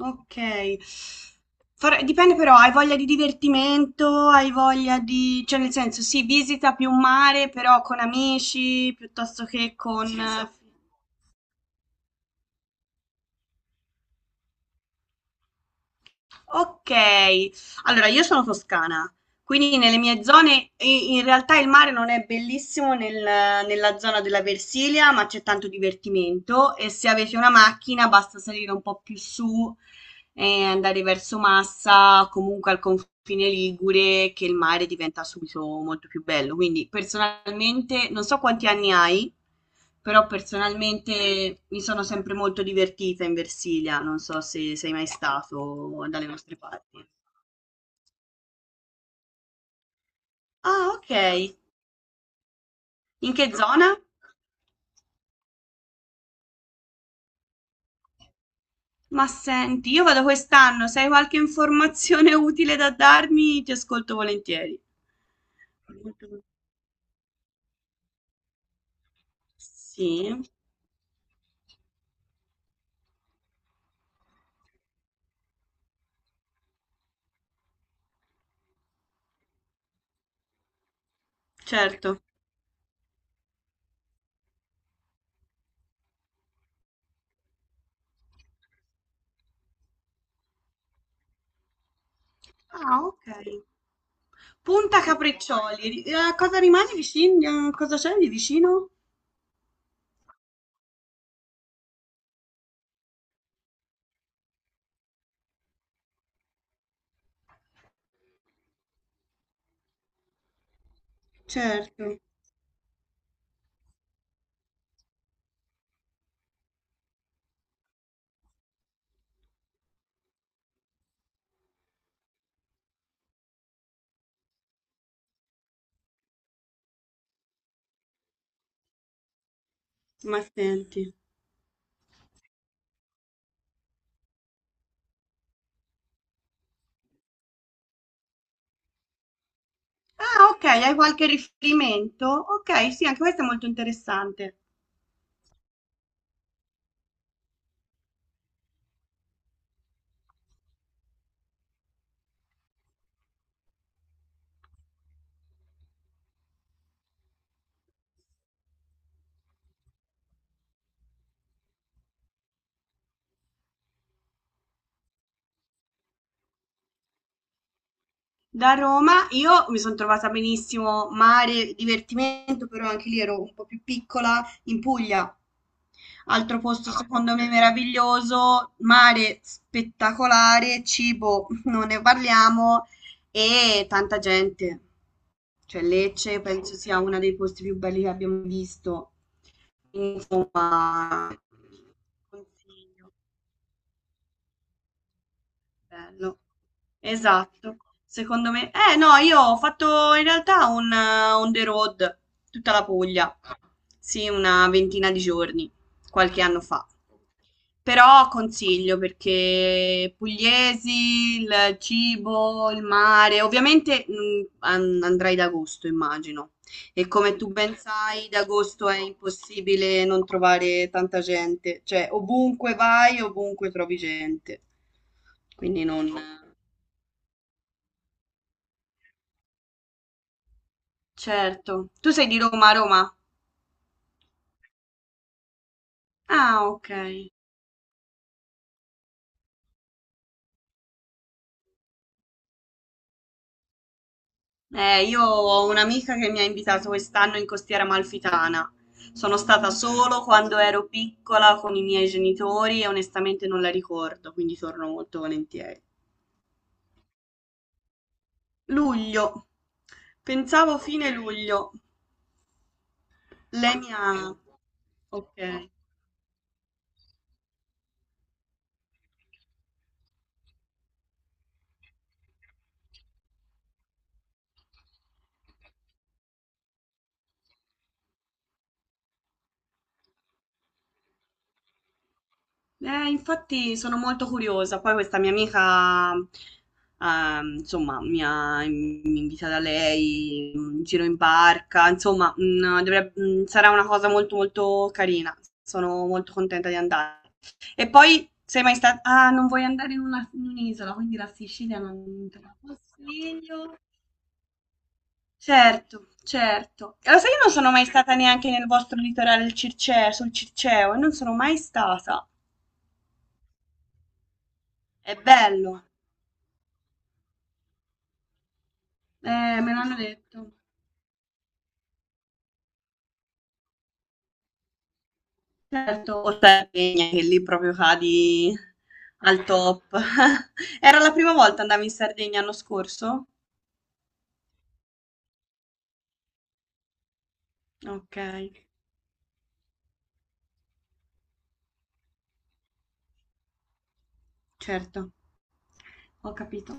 Ok. Dipende però, hai voglia di divertimento, hai voglia di, cioè nel senso, sì, visita più un mare, però con amici, piuttosto che con. Ok, allora io sono toscana, quindi nelle mie zone in realtà il mare non è bellissimo nella zona della Versilia, ma c'è tanto divertimento e se avete una macchina basta salire un po' più su e da verso Massa, comunque al confine Ligure, che il mare diventa subito molto più bello. Quindi personalmente, non so quanti anni hai, però personalmente mi sono sempre molto divertita in Versilia, non so se sei mai stato dalle nostre parti. Ah, ok. In che zona? Ma senti, io vado quest'anno, se hai qualche informazione utile da darmi, ti ascolto volentieri. Molto- Sì, certo. Ah, ok. Punta Capriccioli. A cosa rimane vicino? A cosa c'è di vicino? Certo, ma senti. Ah, ok, hai qualche riferimento? Ok, sì, anche questo è molto interessante. Da Roma io mi sono trovata benissimo, mare, divertimento, però anche lì ero un po' più piccola, in Puglia. Altro posto secondo me meraviglioso, mare spettacolare, cibo, non ne parliamo e tanta gente. Cioè Lecce penso sia uno dei posti più belli che abbiamo visto. Insomma, consiglio. Bello. Esatto. Secondo me. Eh no, io ho fatto in realtà un on the road, tutta la Puglia. Sì, una ventina di giorni, qualche anno fa. Però consiglio perché pugliesi, il cibo, il mare, ovviamente andrai ad agosto, immagino. E come tu ben sai, ad agosto è impossibile non trovare tanta gente, cioè ovunque vai, ovunque trovi gente. Quindi non. Certo. Tu sei di Roma, Roma? Ah, ok. Io ho un'amica che mi ha invitato quest'anno in Costiera Amalfitana. Sono stata solo quando ero piccola con i miei genitori e onestamente non la ricordo, quindi torno molto volentieri. Luglio. Pensavo fine luglio. Lei mi ha. Ok. Infatti sono molto curiosa. Poi questa mia amica, insomma, mi è invitata lei, un giro in barca, insomma, sarà una cosa molto molto carina. Sono molto contenta di andare. E poi sei mai stata. Ah, non vuoi andare in un'isola, quindi la Sicilia non te la consiglio. Certo, certo. E lo sai, io non sono mai stata neanche nel vostro litorale il Circeo, sul Circeo, e non sono mai stata. È bello. Me l'hanno detto. Certo, o Sardegna, che lì proprio cadi al top. Era la prima volta andavi in Sardegna l'anno scorso? Ok, certo, ho capito.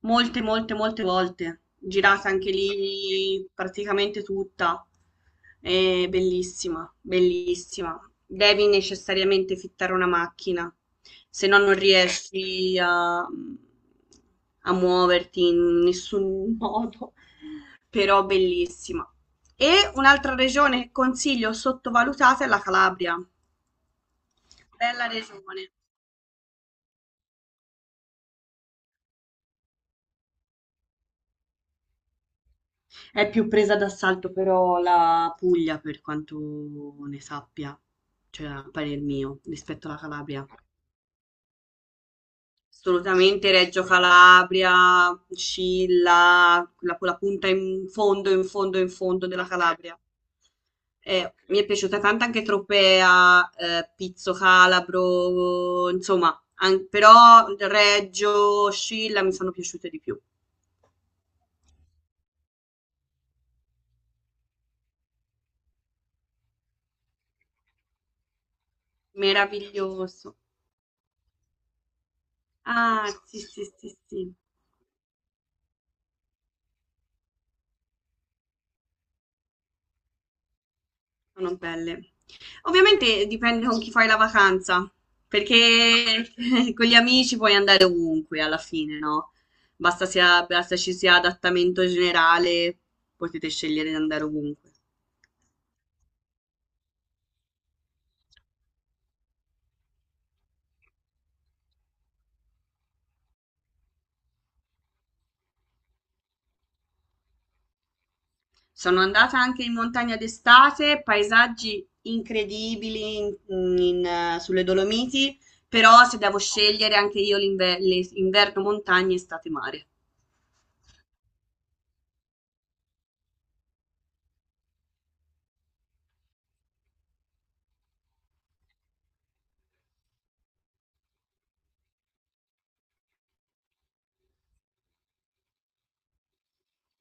Molte, molte, molte volte. Girata anche lì praticamente tutta. È bellissima, bellissima. Devi necessariamente fittare una macchina, se no non riesci a, muoverti in nessun modo. Però bellissima. E un'altra regione che consiglio sottovalutata è la Calabria. Bella regione. È più presa d'assalto però la Puglia per quanto ne sappia, cioè a parer mio, rispetto alla Calabria. Assolutamente Reggio Calabria, Scilla, quella, quella punta in fondo, in fondo, in fondo della Calabria. Mi è piaciuta tanto anche Tropea, Pizzo Calabro, insomma, an- però Reggio, Scilla mi sono piaciute di più. Meraviglioso. Ah, sì, sì, sì, sì. Sono belle. Ovviamente dipende con chi fai la vacanza, perché con gli amici puoi andare ovunque alla fine, no? Basta, sia, basta ci sia adattamento generale, potete scegliere di andare ovunque. Sono andata anche in montagna d'estate, paesaggi incredibili sulle Dolomiti, però se devo scegliere anche io inverno montagna, estate mare.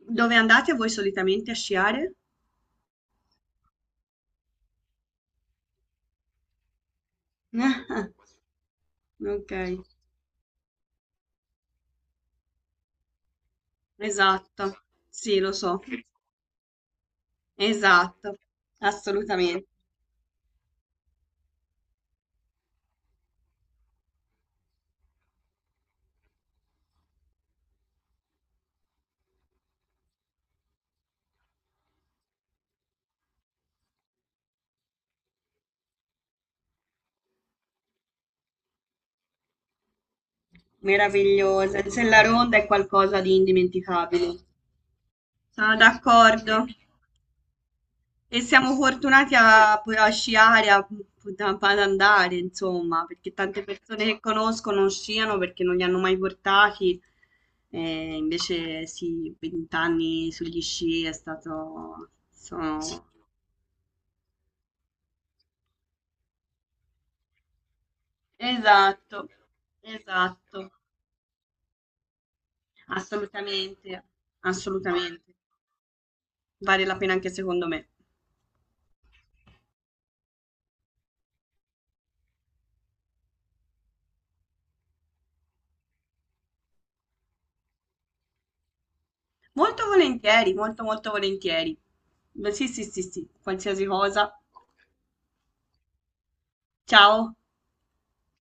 Dove andate voi solitamente a sciare? Ok. Esatto, sì, lo so, esatto, assolutamente, meravigliosa. Se la ronda è qualcosa di indimenticabile. Sono d'accordo. E siamo fortunati a, sciare, a, ad andare, insomma, perché tante persone che conosco non sciano perché non li hanno mai portati. E invece sì, vent'anni sugli sci è stato. Sono. Esatto, esatto. Assolutamente, assolutamente. Vale la pena anche secondo me. Molto volentieri, molto molto volentieri. Beh, sì, sì, sì, sì, qualsiasi cosa. Ciao.